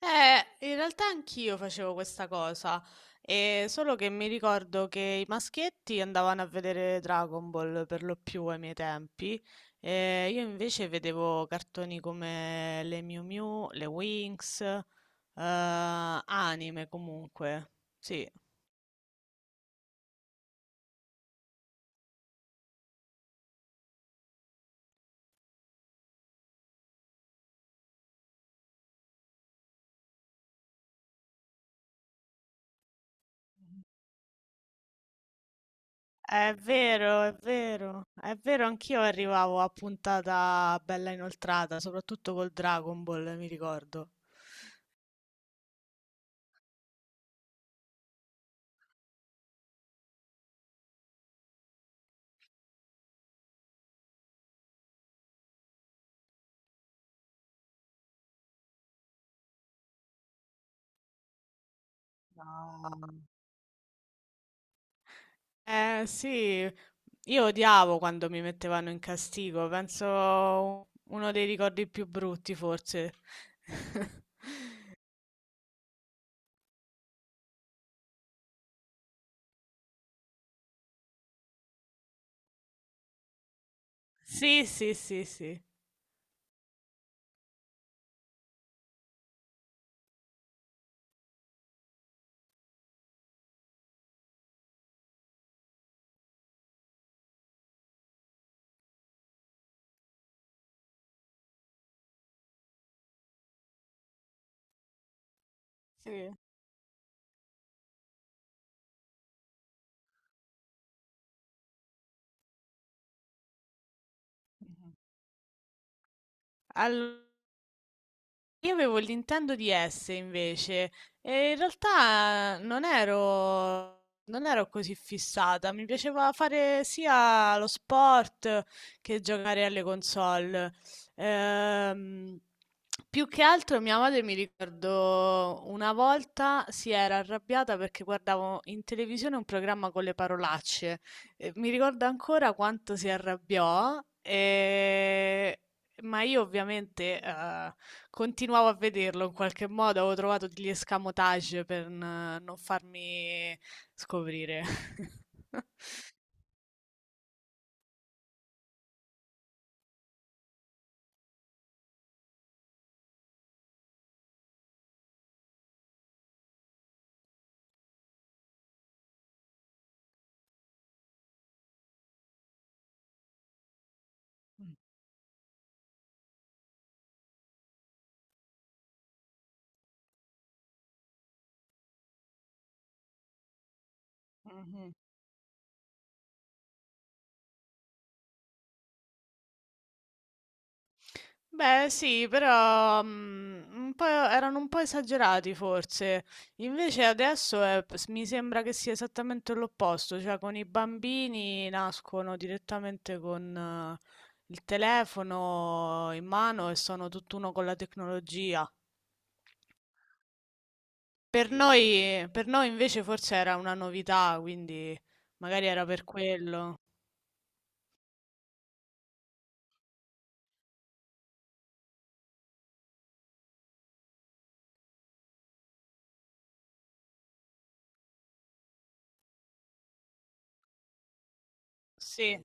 In realtà anch'io facevo questa cosa, e solo che mi ricordo che i maschietti andavano a vedere Dragon Ball per lo più ai miei tempi, e io invece vedevo cartoni come le Miu Miu, le Winx, anime comunque. Sì, è vero, è vero, è vero, anch'io arrivavo a puntata bella inoltrata, soprattutto col Dragon Ball, mi ricordo. No. Eh sì, io odiavo quando mi mettevano in castigo, penso uno dei ricordi più brutti forse. Sì, sì, sì, sì. Sì. Mhm. Allora, io avevo il Nintendo DS invece e in realtà non ero così fissata, mi piaceva fare sia lo sport che giocare alle console. Ehm, Più che altro mia madre mi ricordo una volta si era arrabbiata perché guardavo in televisione un programma con le parolacce. E mi ricordo ancora quanto si arrabbiò, ma io ovviamente continuavo a vederlo in qualche modo, avevo trovato degli escamotage per non farmi scoprire. Mh, mh-mh. Beh sì, però, un po' erano un po' esagerati forse. Invece adesso è p s mi sembra che sia esattamente l'opposto, cioè con i bambini nascono direttamente con il telefono in mano e sono tutt'uno con la tecnologia. Per noi invece forse era una novità, quindi magari era per quello. Sì, è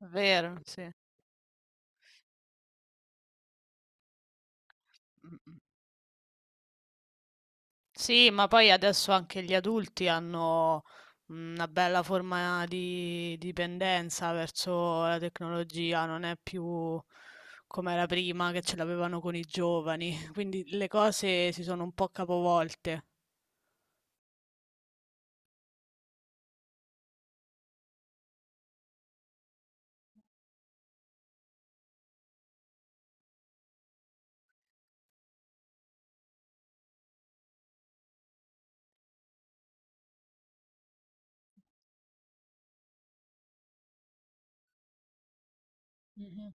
vero, sì. Mh-mh. Sì, ma poi adesso anche gli adulti hanno una bella forma di dipendenza verso la tecnologia, non è più come era prima che ce l'avevano con i giovani, quindi le cose si sono un po' capovolte. Mh-mh.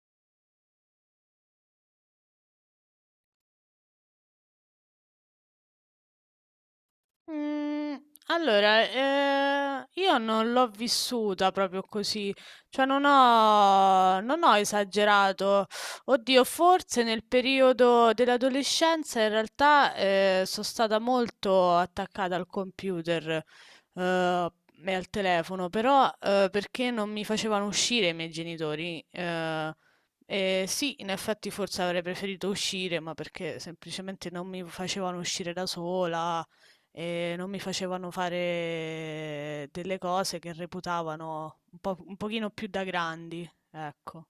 Mm, Allora, io non l'ho vissuta proprio così, cioè non ho esagerato. Oddio, forse nel periodo dell'adolescenza in realtà sono stata molto attaccata al computer eh, e al telefono, però perché non mi facevano uscire i miei genitori. Eh sì, in effetti forse avrei preferito uscire, ma perché semplicemente non mi facevano uscire da sola, e non mi facevano fare delle cose che reputavano un po', un pochino più da grandi, ecco.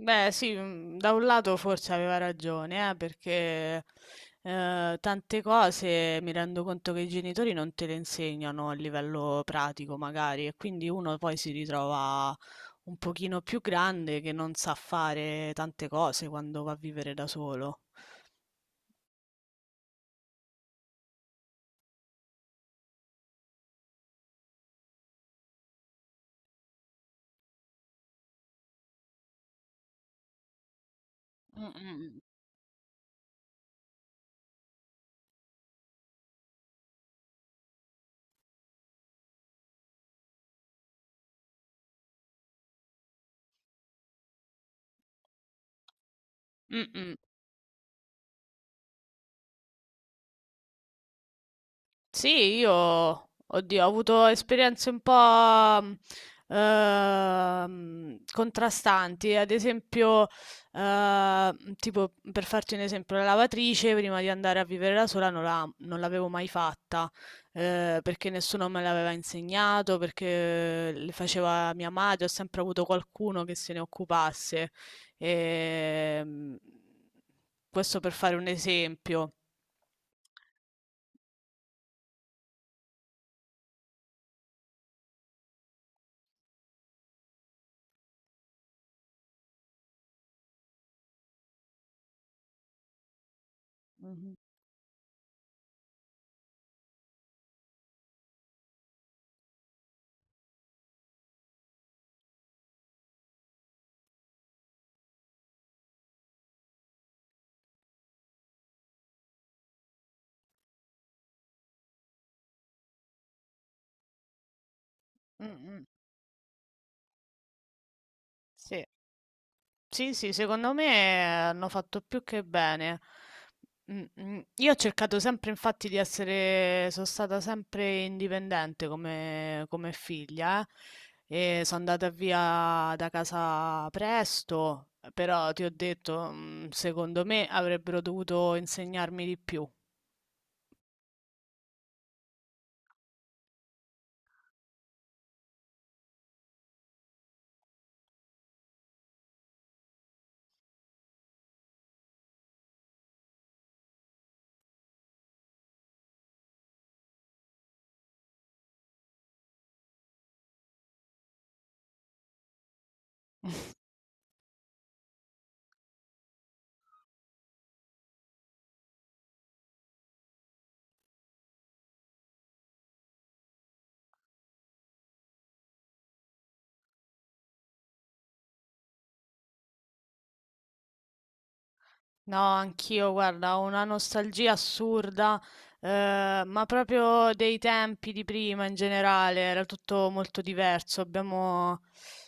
Beh, sì, mm, da un lato forse aveva ragione, perché tante cose mi rendo conto che i genitori non te le insegnano a livello pratico, magari, e quindi uno poi si ritrova un pochino più grande che non sa fare tante cose quando va a vivere da solo. Mm, mm, mm. Mm, mm. Sì, io, oddio, ho avuto esperienze un po' contrastanti. Ad esempio, tipo, per farti un esempio, la lavatrice prima di andare a vivere da sola non l'avevo mai fatta, perché nessuno me l'aveva insegnato, perché le faceva mia madre, ho sempre avuto qualcuno che se ne occupasse. Ehm, Questo per fare un esempio. Mhm. Mm, mm. Sì. Sì, sì, secondo me hanno fatto più che bene. Mm, mm. Io ho cercato sempre, infatti, di essere, sono stata sempre indipendente come figlia, e sono andata via da casa presto, però ti ho detto, secondo me avrebbero dovuto insegnarmi di più. No, anch'io, guarda, ho una nostalgia assurda, ma proprio dei tempi di prima in generale, era tutto molto diverso. Abbiamo,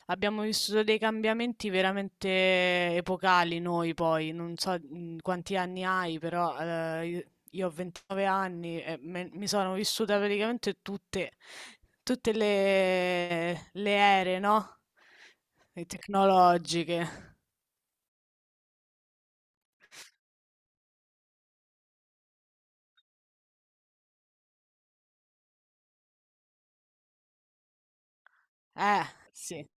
abbiamo vissuto dei cambiamenti veramente epocali noi poi, non so quanti anni hai, però io ho 29 anni e mi sono vissuta praticamente tutte le ere, no? Le tecnologiche. Eh, sì.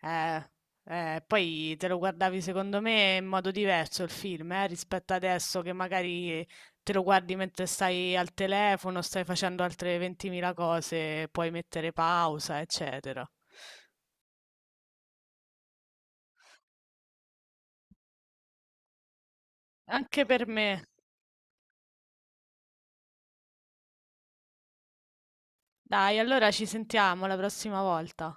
Eh, Poi te lo guardavi secondo me in modo diverso il film, rispetto adesso che magari te lo guardi mentre stai al telefono, stai facendo altre 20.000 cose, puoi mettere pausa, eccetera. Anche per me. Dai, allora ci sentiamo la prossima volta.